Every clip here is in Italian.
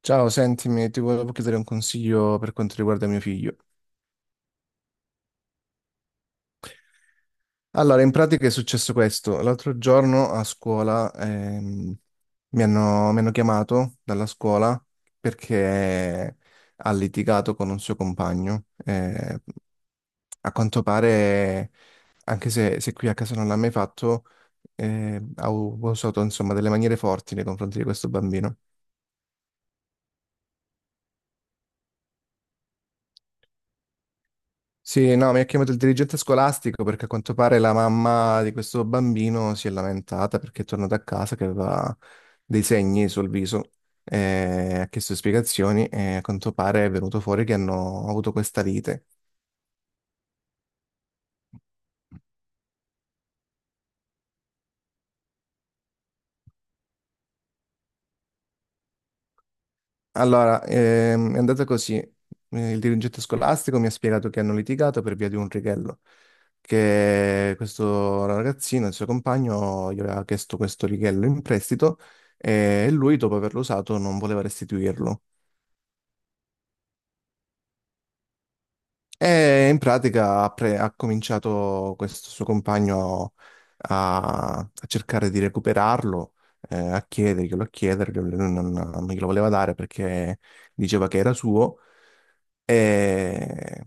Ciao, sentimi, ti volevo chiedere un consiglio per quanto riguarda mio figlio. Allora, in pratica è successo questo. L'altro giorno a scuola, mi hanno chiamato dalla scuola perché ha litigato con un suo compagno. A quanto pare, anche se qui a casa non l'ha mai fatto, ha usato insomma delle maniere forti nei confronti di questo bambino. Sì, no, mi ha chiamato il dirigente scolastico perché a quanto pare la mamma di questo bambino si è lamentata perché è tornata a casa che aveva dei segni sul viso e ha chiesto spiegazioni e a quanto pare è venuto fuori che hanno avuto questa lite. Allora, è andata così. Il dirigente scolastico mi ha spiegato che hanno litigato per via di un righello, che questo ragazzino, il suo compagno, gli aveva chiesto questo righello in prestito e lui, dopo averlo usato, non voleva restituirlo. E in pratica ha cominciato questo suo compagno a, a cercare di recuperarlo, a chiederglielo, lui non glielo voleva dare perché diceva che era suo. E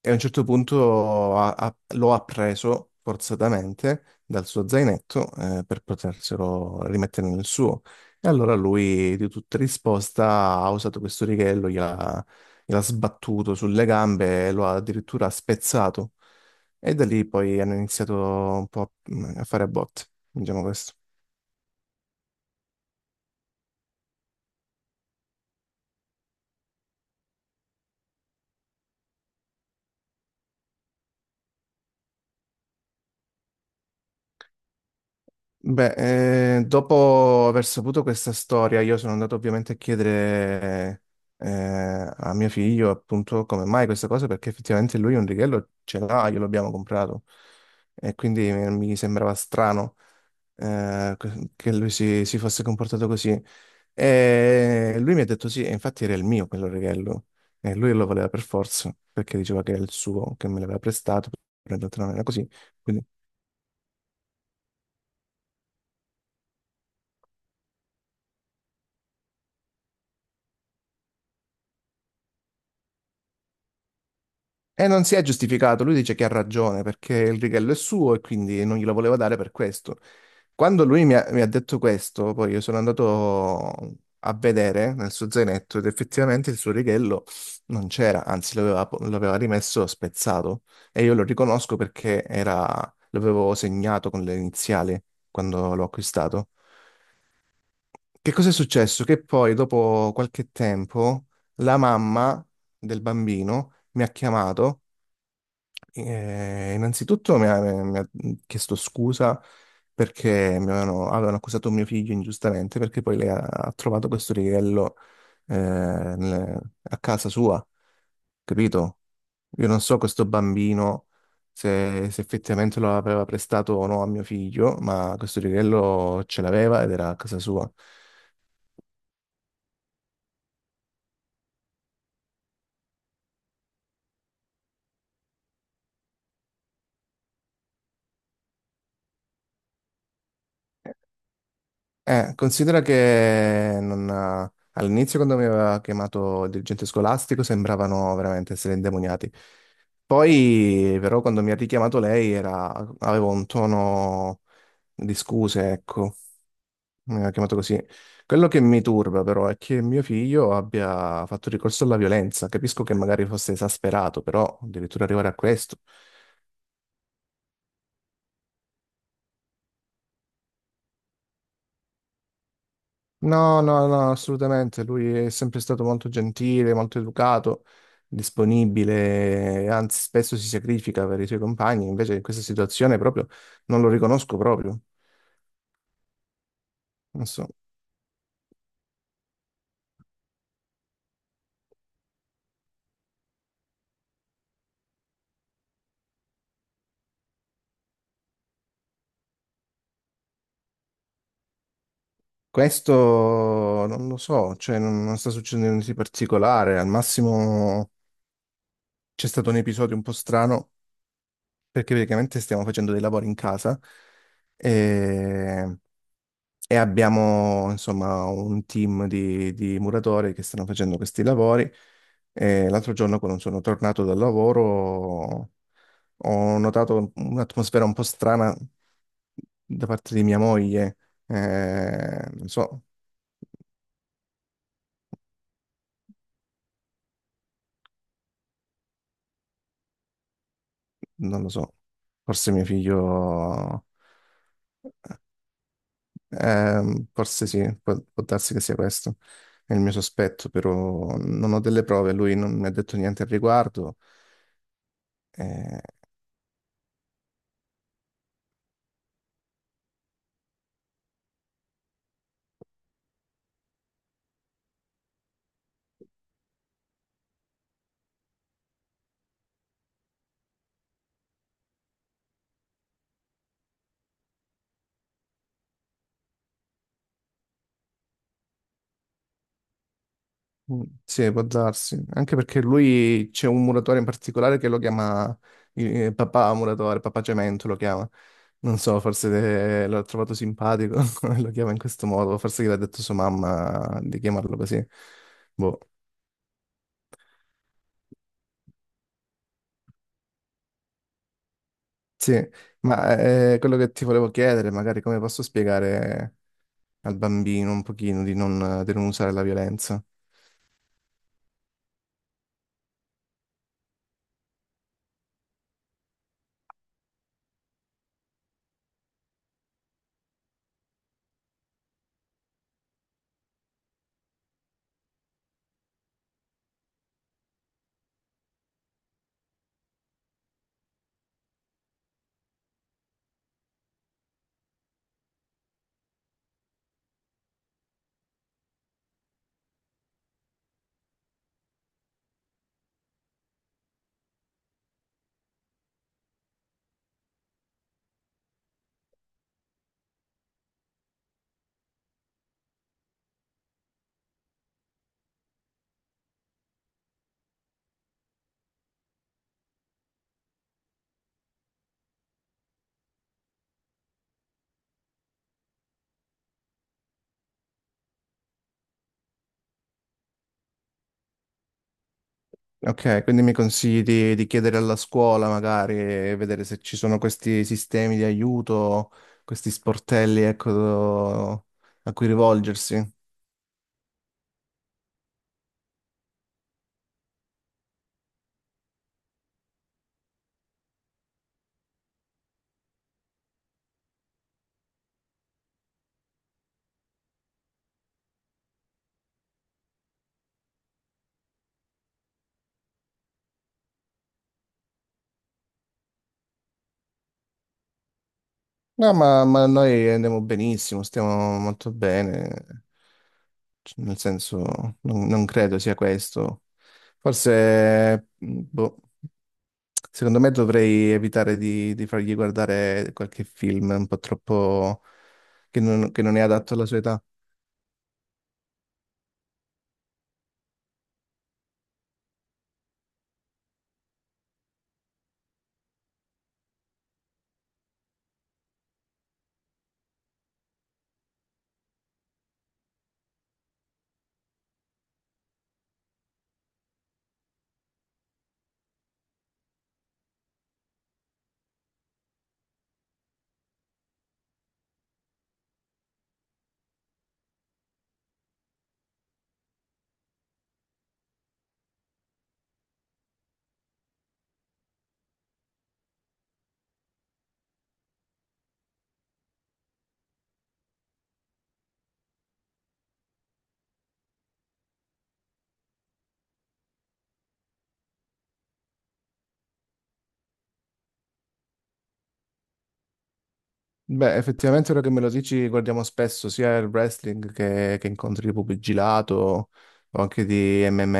e a un certo punto lo ha preso forzatamente dal suo zainetto, per poterselo rimettere nel suo. E allora lui, di tutta risposta, ha usato questo righello, gliel'ha sbattuto sulle gambe e lo ha addirittura spezzato. E da lì poi hanno iniziato un po' a a fare a botte, diciamo questo. Beh, dopo aver saputo questa storia, io sono andato ovviamente a chiedere, eh, a mio figlio appunto come mai questa cosa, perché effettivamente lui un righello ce l'ha, glielo abbiamo comprato e quindi mi sembrava strano, che si fosse comportato così. E lui mi ha detto sì, e infatti era il mio quello righello e lui lo voleva per forza, perché diceva che era il suo, che me l'aveva prestato, però in realtà non era così. Quindi e non si è giustificato, lui dice che ha ragione perché il righello è suo e quindi non glielo voleva dare per questo. Quando lui mi ha detto questo, poi io sono andato a vedere nel suo zainetto ed effettivamente il suo righello non c'era, anzi l'aveva rimesso spezzato e io lo riconosco perché l'avevo segnato con le iniziali quando l'ho acquistato. Che cosa è successo? Che poi, dopo qualche tempo, la mamma del bambino mi ha chiamato, innanzitutto mi ha chiesto scusa perché avevano accusato mio figlio ingiustamente perché poi lei ha trovato questo righello, eh, a casa sua, capito? Io non so questo bambino se effettivamente lo aveva prestato o no a mio figlio, ma questo righello ce l'aveva ed era a casa sua. Considera che non, all'inizio quando mi aveva chiamato il dirigente scolastico sembravano veramente essere indemoniati. Poi però quando mi ha richiamato lei era, avevo un tono di scuse, ecco, mi aveva chiamato così. Quello che mi turba però è che mio figlio abbia fatto ricorso alla violenza. Capisco che magari fosse esasperato, però addirittura arrivare a questo. No, no, no, assolutamente. Lui è sempre stato molto gentile, molto educato, disponibile, anzi spesso si sacrifica per i suoi compagni, invece in questa situazione proprio non lo riconosco proprio. Non so. Questo non lo so, cioè non sta succedendo niente di particolare, al massimo c'è stato un episodio un po' strano perché praticamente stiamo facendo dei lavori in casa e e abbiamo insomma un team di muratori che stanno facendo questi lavori. E l'altro giorno, quando sono tornato dal lavoro, ho notato un'atmosfera un po' strana da parte di mia moglie. Non so, non lo so, forse mio figlio, forse sì, può darsi che sia questo. È il mio sospetto, però non ho delle prove, lui non mi ha detto niente al riguardo. Eh, Mm, sì, può darsi. Anche perché lui c'è un muratore in particolare che lo chiama, papà muratore, papà Cemento lo chiama. Non so, forse, l'ho trovato simpatico, e lo chiama in questo modo, forse gli ha detto sua mamma di chiamarlo così. Boh. Sì, ma quello che ti volevo chiedere, magari come posso spiegare al bambino un pochino di non usare la violenza? Ok, quindi mi consigli di chiedere alla scuola magari e vedere se ci sono questi sistemi di aiuto, questi sportelli, ecco, a cui rivolgersi. No, ma noi andiamo benissimo, stiamo molto bene, nel senso non credo sia questo. Forse, boh, secondo me dovrei evitare di fargli guardare qualche film un po' troppo, che non è adatto alla sua età. Beh, effettivamente ora che me lo dici, guardiamo spesso sia il wrestling che incontri di pugilato o anche di MMA.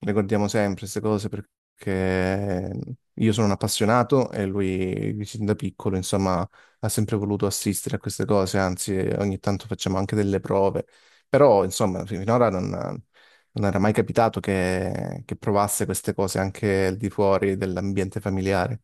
Le guardiamo sempre queste cose perché io sono un appassionato e lui sin da piccolo, insomma, ha sempre voluto assistere a queste cose, anzi ogni tanto facciamo anche delle prove. Però, insomma, finora non, non era mai capitato che provasse queste cose anche al di fuori dell'ambiente familiare.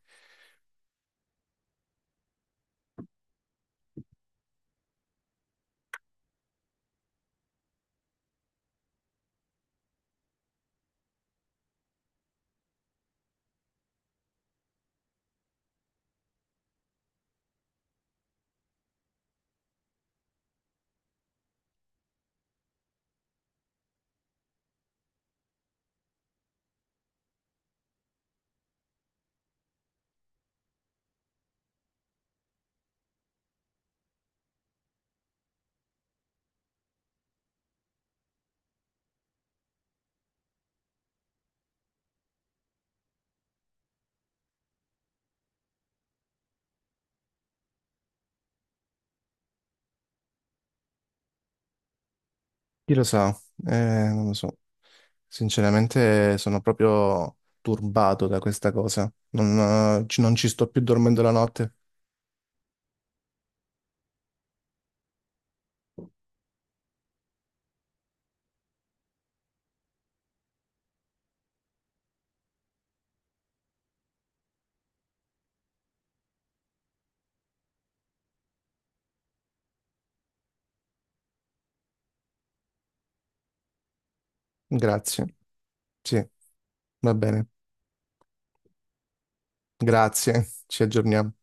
Chi lo sa? Non lo so. Sinceramente sono proprio turbato da questa cosa. Non, ci non ci sto più dormendo la notte. Grazie. Sì, va bene. Grazie. Ci aggiorniamo.